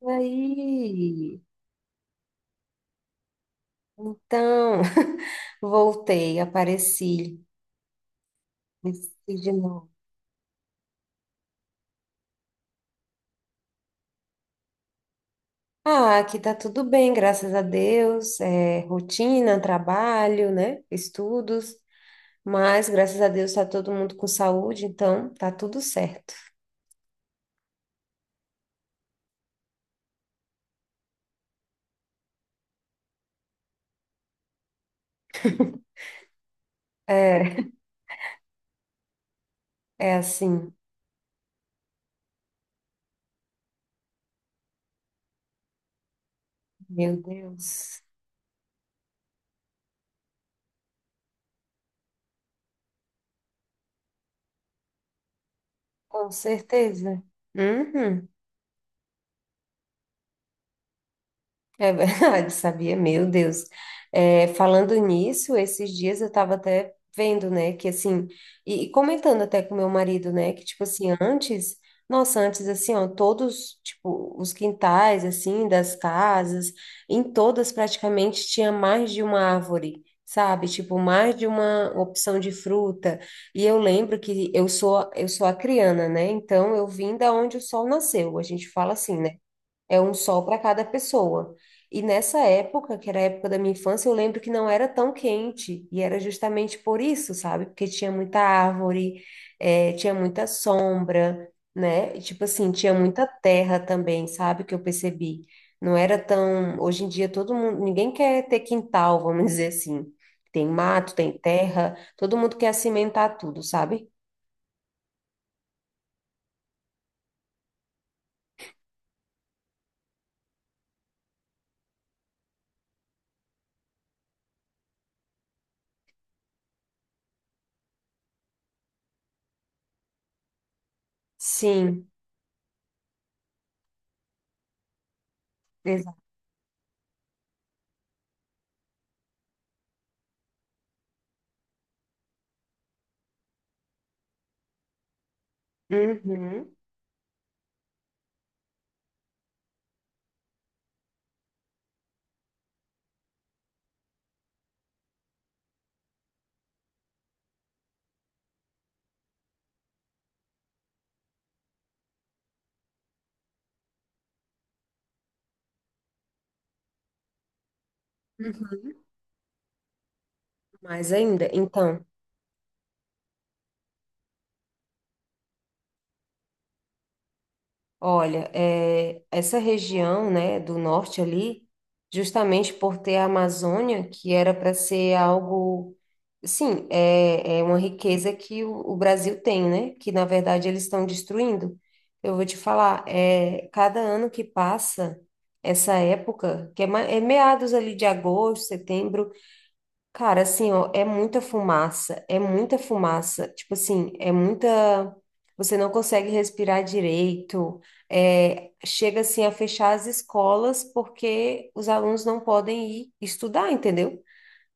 E aí, então, voltei, apareci, apareci de novo. Ah, aqui tá tudo bem, graças a Deus. É, rotina, trabalho, né? Estudos, mas graças a Deus tá todo mundo com saúde, então tá tudo certo. É, é assim, meu Deus, com certeza. Uhum. É verdade, sabia? Meu Deus. É, falando nisso, esses dias eu estava até vendo, né, que assim, e comentando até com meu marido, né, que tipo assim, antes, nossa, antes assim, ó, todos, tipo, os quintais, assim, das casas, em todas praticamente tinha mais de uma árvore. Sabe, tipo, mais de uma opção de fruta. E eu lembro que eu sou acriana, né? Então eu vim da onde o sol nasceu. A gente fala assim, né? É um sol para cada pessoa. E nessa época, que era a época da minha infância, eu lembro que não era tão quente. E era justamente por isso, sabe? Porque tinha muita árvore, tinha muita sombra, né? E, tipo assim, tinha muita terra também, sabe? Que eu percebi. Não era tão. Hoje em dia, todo mundo. Ninguém quer ter quintal, vamos dizer assim. Tem mato, tem terra, todo mundo quer cimentar tudo, sabe? Sim, exato. Uhum. Uhum. Mais ainda, então. Olha, é, essa região, né, do norte ali, justamente por ter a Amazônia, que era para ser algo, sim, é, é uma riqueza que o Brasil tem, né, que na verdade eles estão destruindo. Eu vou te falar, é, cada ano que passa, essa época, que é, é meados ali de agosto, setembro. Cara, assim, ó, é muita fumaça, é muita fumaça. Tipo assim, é muita. Você não consegue respirar direito. Chega assim a fechar as escolas porque os alunos não podem ir estudar, entendeu?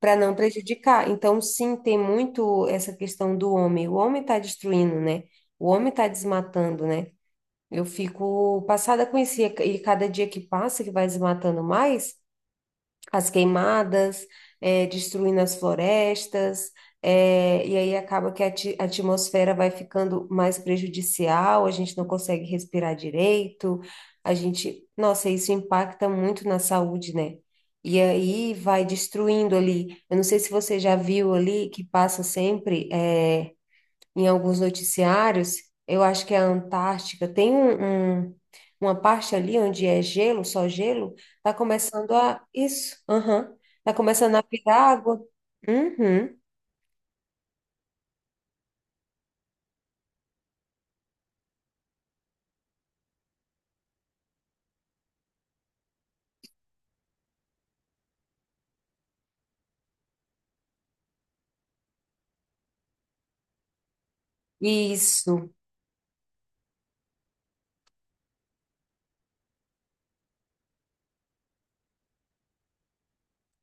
Para não prejudicar. Então, sim, tem muito essa questão do homem. O homem está destruindo, né? O homem está desmatando, né? Eu fico passada com isso e cada dia que passa, que vai desmatando mais, as queimadas, destruindo as florestas, e aí acaba que a a atmosfera vai ficando mais prejudicial, a gente não consegue respirar direito, a gente, nossa, isso impacta muito na saúde, né? E aí vai destruindo ali. Eu não sei se você já viu ali que passa sempre. Em alguns noticiários, eu acho que é a Antártica, tem uma parte ali onde é gelo, só gelo, tá começando a. Isso, aham. Tá começando a virar água. Uhum. Isso,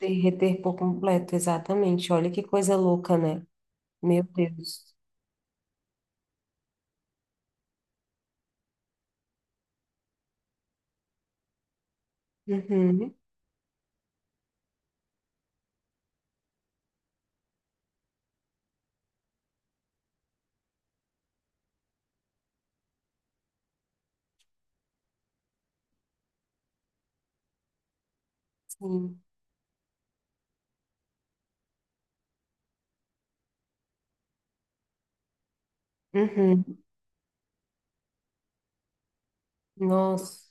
derreter por completo, exatamente. Olha que coisa louca, né? Meu Deus. Uhum. Sim. Uhum. Nossa.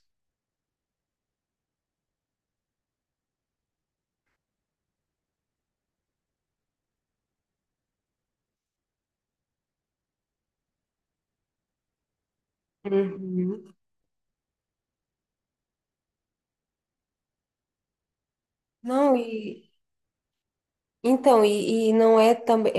Uhum. Não, e. Então, e não é também,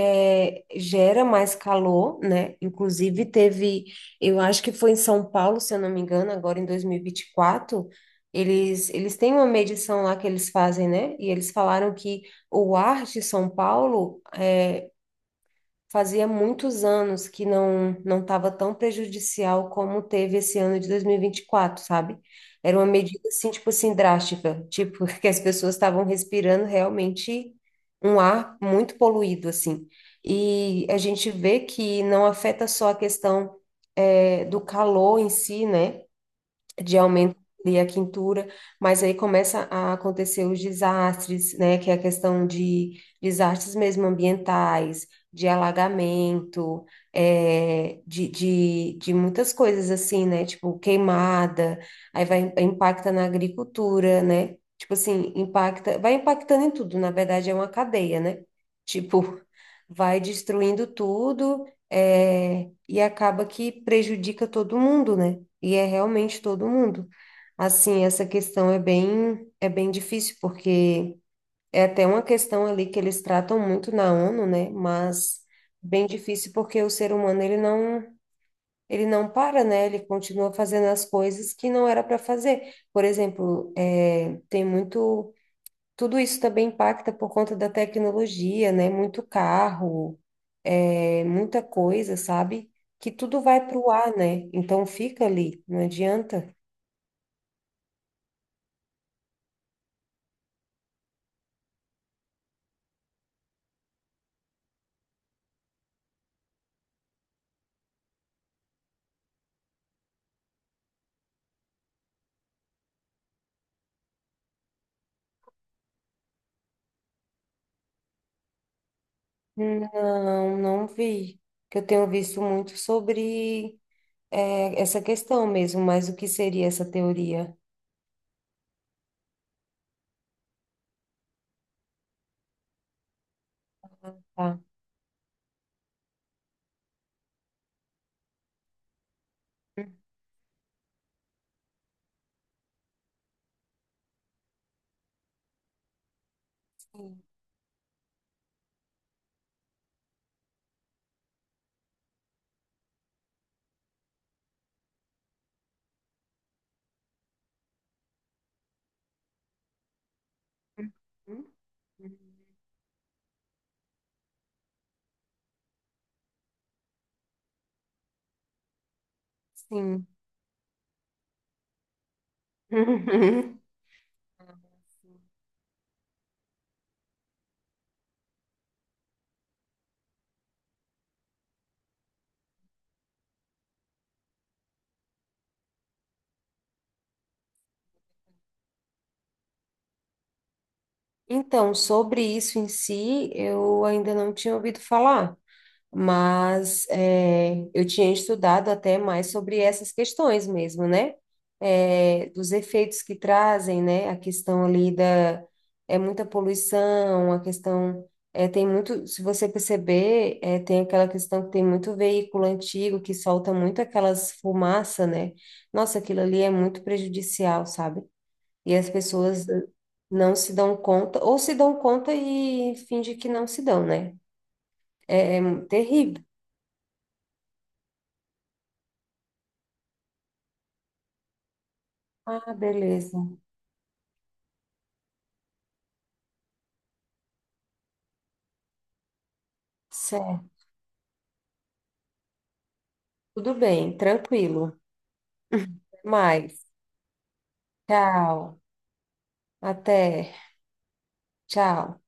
gera mais calor, né? Inclusive teve, eu acho que foi em São Paulo, se eu não me engano, agora em dois mil e vinte e quatro, eles têm uma medição lá que eles fazem, né? E eles falaram que o ar de São Paulo é, fazia muitos anos que não estava tão prejudicial como teve esse ano de 2024, sabe? Era uma medida assim, tipo assim, drástica, tipo que as pessoas estavam respirando realmente um ar muito poluído assim. E a gente vê que não afeta só a questão do calor em si, né? De aumento ali a quintura, mas aí começa a acontecer os desastres, né? Que é a questão de desastres mesmo ambientais, de alagamento, é, de muitas coisas assim, né? Tipo queimada, aí vai impacta na agricultura, né? Tipo assim, impacta, vai impactando em tudo, na verdade é uma cadeia, né? Tipo, vai destruindo tudo, é, e acaba que prejudica todo mundo, né? E é realmente todo mundo. Assim, essa questão é bem difícil, porque é até uma questão ali que eles tratam muito na ONU, né? Mas bem difícil porque o ser humano, ele não para, né? Ele continua fazendo as coisas que não era para fazer. Por exemplo, é, tem muito... Tudo isso também impacta por conta da tecnologia, né? Muito carro, é, muita coisa, sabe? Que tudo vai para o ar, né? Então fica ali, não adianta. Não, não vi. Que eu tenho visto muito sobre essa questão mesmo, mas o que seria essa teoria? Tá. Sim. Uhum. Sim. Uhum. Então, sobre isso em si, eu ainda não tinha ouvido falar, mas é, eu tinha estudado até mais sobre essas questões mesmo, né? É, dos efeitos que trazem, né? A questão ali da é muita poluição, a questão é, tem muito, se você perceber, é, tem aquela questão que tem muito veículo antigo que solta muito aquelas fumaça, né? Nossa, aquilo ali é muito prejudicial, sabe? E as pessoas não se dão conta, ou se dão conta e fingem que não se dão, né? Terrível. Ah, beleza. Certo, tudo bem, tranquilo. Até mais. Tchau. Até. Tchau.